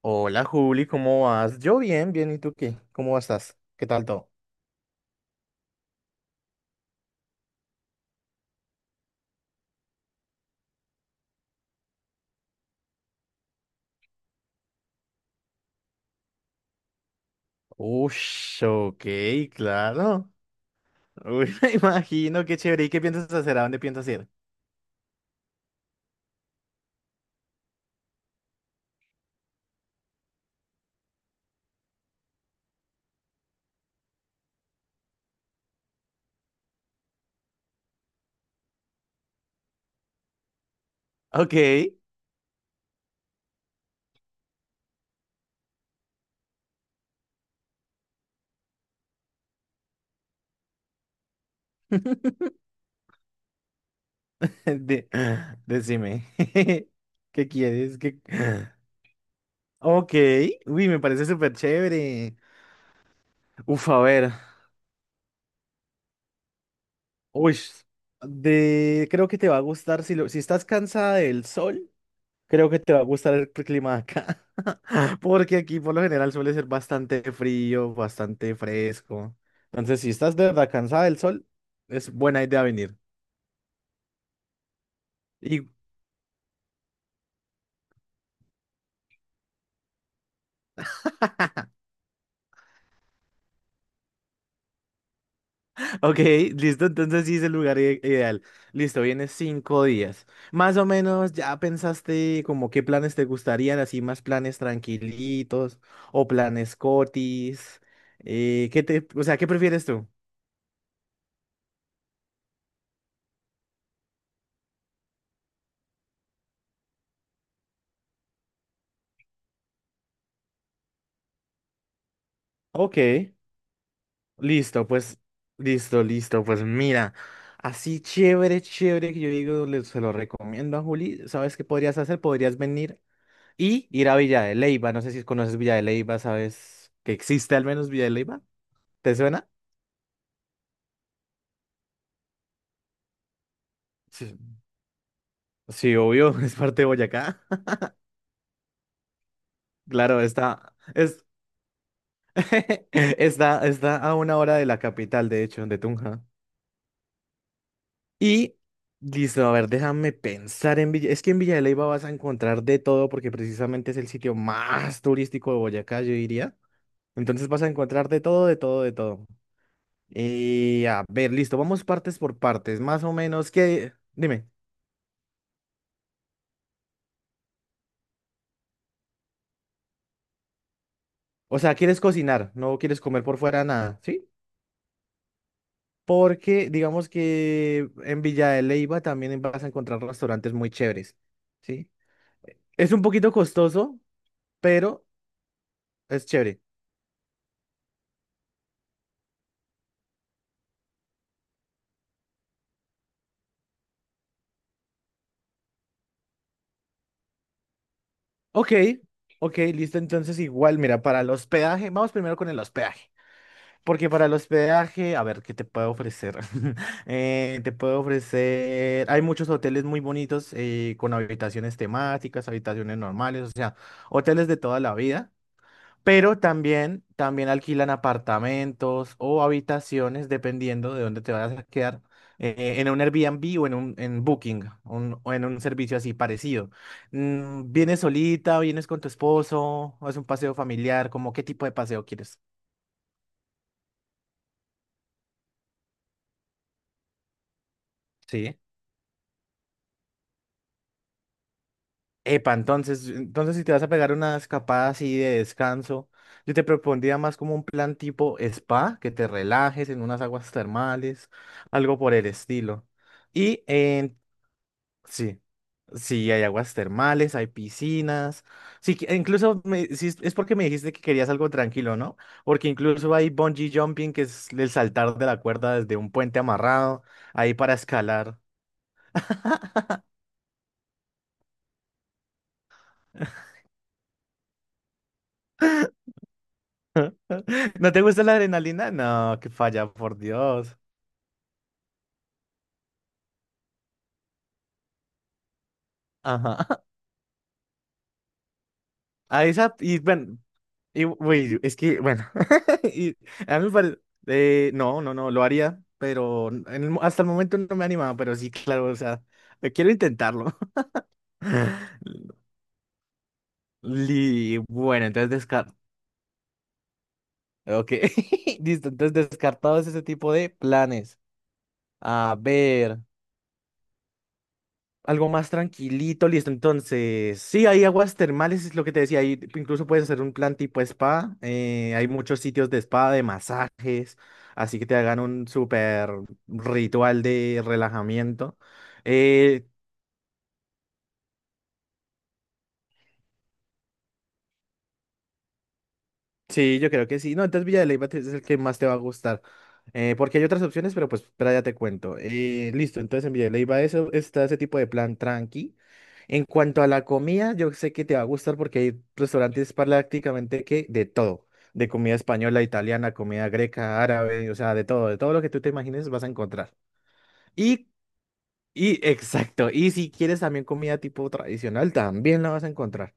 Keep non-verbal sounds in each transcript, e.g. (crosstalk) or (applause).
Hola Juli, ¿cómo vas? Yo bien, bien, ¿y tú qué? ¿Cómo estás? ¿Qué tal todo? Ush, ok, claro. Uy, (laughs) me imagino, qué chévere. ¿Y qué piensas hacer? ¿A dónde piensas ir? Ok, (laughs) de- decime. (laughs) ¿Qué quieres? ¿Qué- Ok, uy, me parece súper chévere. Uf, a ver. Uy, de... creo que te va a gustar si, lo... si estás cansada del sol. Creo que te va a gustar el clima de acá, (laughs) porque aquí por lo general suele ser bastante frío, bastante fresco. Entonces, si estás de verdad cansada del sol, es buena idea venir. Y, (laughs) ok, listo, entonces sí es el lugar ideal. Listo, vienes 5 días. Más o menos ya pensaste como qué planes te gustarían, así más planes tranquilitos o planes cotis. ¿Qué te, o sea, ¿qué prefieres tú? Ok. Listo, pues, listo, listo, pues mira, así chévere, chévere que yo digo, se lo recomiendo a Juli, ¿sabes qué podrías hacer? Podrías venir y ir a Villa de Leyva, no sé si conoces Villa de Leyva, ¿sabes que existe al menos Villa de Leyva? ¿Te suena? Sí. Sí, obvio, (laughs) es parte de Boyacá, (laughs) claro, está, es, (laughs) está, está a 1 hora de la capital, de hecho, de Tunja. Y listo, a ver, déjame pensar en Villa. Es que en Villa de Leyva vas a encontrar de todo porque precisamente es el sitio más turístico de Boyacá, yo diría. Entonces vas a encontrar de todo, de todo, de todo. Y a ver, listo, vamos partes por partes, más o menos qué dime, o sea, ¿quieres cocinar? ¿No quieres comer por fuera nada? ¿Sí? Porque digamos que en Villa de Leyva también vas a encontrar restaurantes muy chéveres, ¿sí? Es un poquito costoso, pero es chévere. Ok, ok, listo. Entonces, igual, mira, para el hospedaje, vamos primero con el hospedaje. Porque para el hospedaje, a ver, ¿qué te puedo ofrecer? (laughs) Te puedo ofrecer. Hay muchos hoteles muy bonitos con habitaciones temáticas, habitaciones normales, o sea, hoteles de toda la vida. Pero también, también alquilan apartamentos o habitaciones, dependiendo de dónde te vayas a quedar, en un Airbnb o en un en Booking, o en un servicio así parecido. Mm, ¿vienes solita, vienes con tu esposo, o es un paseo familiar? ¿Cómo qué tipo de paseo quieres? Sí. Epa, entonces, entonces si te vas a pegar una escapada así de descanso, yo te propondría más como un plan tipo spa, que te relajes en unas aguas termales, algo por el estilo. Y sí, sí, hay aguas termales, hay piscinas. Sí, e incluso sí, es porque me dijiste que querías algo tranquilo, ¿no? Porque incluso hay bungee jumping, que es el saltar de la cuerda desde un puente amarrado, ahí para escalar. (laughs) ¿No te gusta la adrenalina? No, que falla, por Dios. Ajá. (laughs) A esa, y bueno, y, uy, es que, bueno, (laughs) y a mí me parece, no, no, no, lo haría, pero en el hasta el momento no me animaba, pero sí, claro, o sea, quiero intentarlo. Bueno, entonces descartado. Ok. (laughs) Listo, entonces descartados ese tipo de planes. A ver, algo más tranquilito, listo. Entonces, sí, hay aguas termales, es lo que te decía. Ahí incluso puedes hacer un plan tipo spa. Hay muchos sitios de spa, de masajes. Así que te hagan un súper ritual de relajamiento. Eh, Sí, yo creo que sí. No, entonces Villa de Leyva es el que más te va a gustar. Porque hay otras opciones, pero pues espera, ya te cuento. Listo, entonces en Villa de Leyva eso, está ese tipo de plan tranqui. En cuanto a la comida, yo sé que te va a gustar porque hay restaurantes prácticamente que de todo. De comida española, italiana, comida greca, árabe, o sea, de todo lo que tú te imagines vas a encontrar. Y, y (laughs) exacto, y si quieres también comida tipo tradicional, también la vas a encontrar.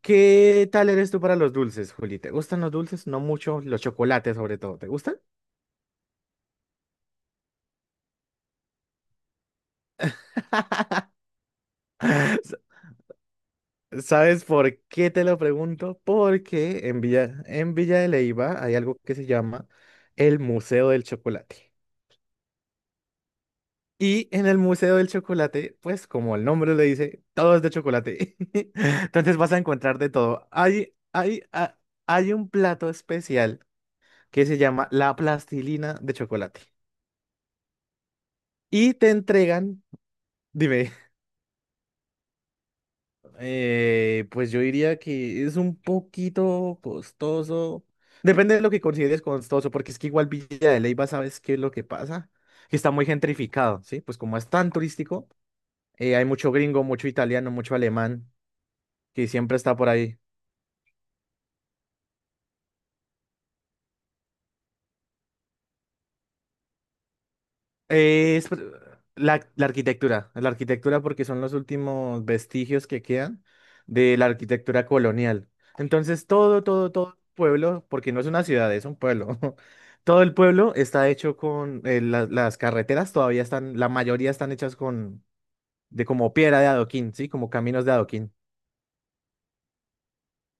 ¿Qué tal eres tú para los dulces, Juli? ¿Te gustan los dulces? No mucho, los chocolates sobre todo. ¿Te gustan? (laughs) S- ¿Sabes por qué te lo pregunto? Porque en Villa de Leiva hay algo que se llama el Museo del Chocolate. Y en el Museo del Chocolate, pues como el nombre le dice, todo es de chocolate. (laughs) Entonces vas a encontrar de todo. Hay, hay un plato especial que se llama la plastilina de chocolate. Y te entregan, dime. Pues yo diría que es un poquito costoso. Depende de lo que consideres costoso, porque es que igual Villa de Leyva, ¿sabes qué es lo que pasa? Que está muy gentrificado, ¿sí? Pues como es tan turístico, hay mucho gringo, mucho italiano, mucho alemán, que siempre está por ahí. Eh, es pr- la, la arquitectura porque son los últimos vestigios que quedan de la arquitectura colonial. Entonces todo, todo, todo el pueblo, porque no es una ciudad, es un pueblo. (laughs) Todo el pueblo está hecho con las carreteras todavía están, la mayoría están hechas con de como piedra de adoquín, sí, como caminos de adoquín.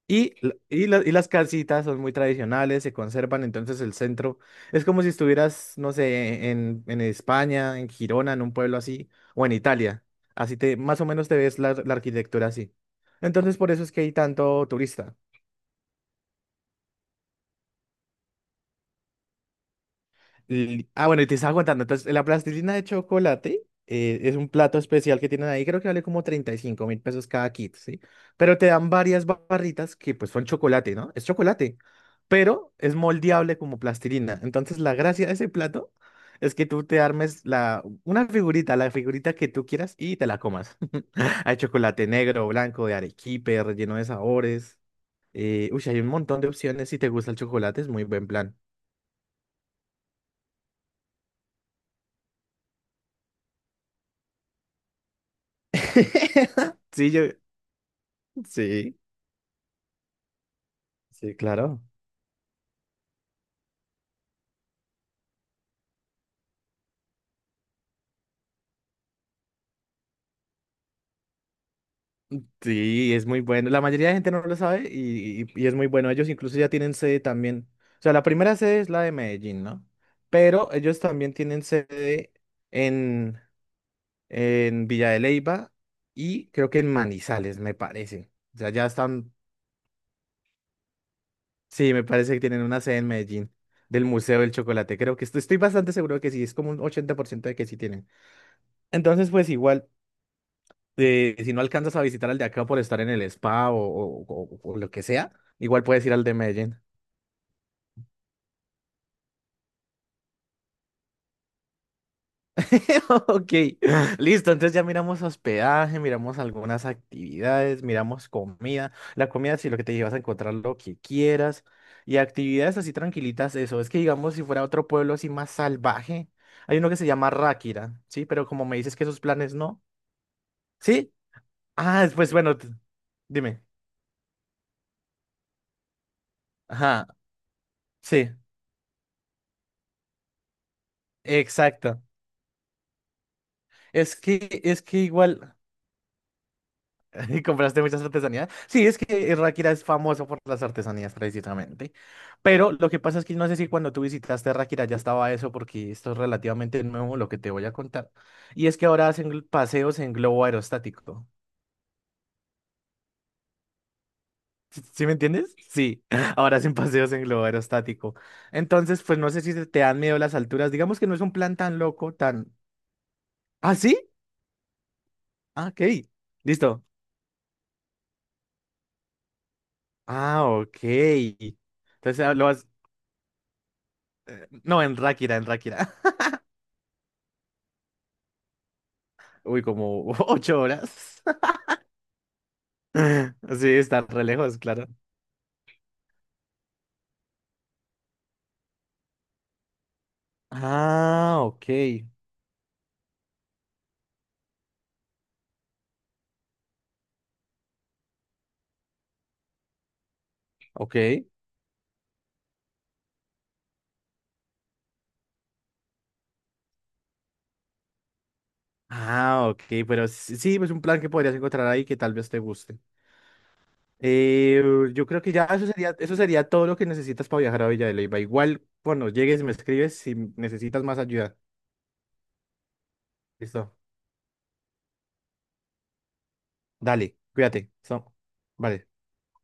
Y, y, y las casitas son muy tradicionales, se conservan, entonces el centro es como si estuvieras, no sé, en España, en Girona, en un pueblo así, o en Italia. Así te, más o menos te ves la, la arquitectura así. Entonces por eso es que hay tanto turista. Ah, bueno, y te estaba contando. Entonces, la plastilina de chocolate es un plato especial que tienen ahí. Creo que vale como 35.000 pesos cada kit, ¿sí? Pero te dan varias barritas que pues son chocolate, ¿no? Es chocolate, pero es moldeable como plastilina. Entonces, la gracia de ese plato es que tú te armes la, una figurita, la figurita que tú quieras y te la comas. (laughs) Hay chocolate negro, blanco, de arequipe, relleno de sabores. Uy, hay un montón de opciones. Si te gusta el chocolate, es muy buen plan. (laughs) Sí, yo... Sí. Sí, claro. Sí, es muy bueno. La mayoría de gente no lo sabe y, y es muy bueno. Ellos incluso ya tienen sede también. O sea, la primera sede es la de Medellín, ¿no? Pero ellos también tienen sede en, en Villa de Leyva y creo que en Manizales, me parece. O sea, ya están. Sí, me parece que tienen una sede en Medellín del Museo del Chocolate. Creo que estoy, estoy bastante seguro que sí. Es como un 80% de que sí tienen. Entonces, pues igual. Si no alcanzas a visitar al de acá por estar en el spa o, o lo que sea, igual puedes ir al de Medellín. (laughs) Ok, listo. Entonces ya miramos hospedaje, miramos algunas actividades, miramos comida. La comida, sí, lo que te llevas a encontrar lo que quieras. Y actividades así tranquilitas, eso. Es que digamos, si fuera otro pueblo así más salvaje, hay uno que se llama Ráquira, ¿sí? Pero como me dices que esos planes no, ¿sí? Ah, pues bueno, t- dime. Ajá, sí, exacto. Es que igual, (laughs) ¿compraste muchas artesanías? Sí, es que Ráquira es famoso por las artesanías precisamente. Pero lo que pasa es que no sé si cuando tú visitaste Ráquira ya estaba eso, porque esto es relativamente nuevo lo que te voy a contar. Y es que ahora hacen paseos en globo aerostático. ¿Sí sí me entiendes? Sí, (laughs) ahora hacen paseos en globo aerostático. Entonces, pues no sé si te dan miedo las alturas. Digamos que no es un plan tan loco, tan... ¿Ah, sí? Ah, ok. Listo. Ah, ok. Entonces, ah, lo has- No, en Ráquira, en Ráquira. (laughs) Uy, como (laughs) 8 horas. (laughs) Sí, está re lejos, claro. Ah, ok, ok. Ah, ok, pero sí, sí, pues un plan que podrías encontrar ahí que tal vez te guste. Eh, yo creo que ya eso sería todo lo que necesitas para viajar a Villa de Leyva. Igual, cuando llegues, me escribes si necesitas más ayuda. Listo. Dale, cuídate. So- Vale.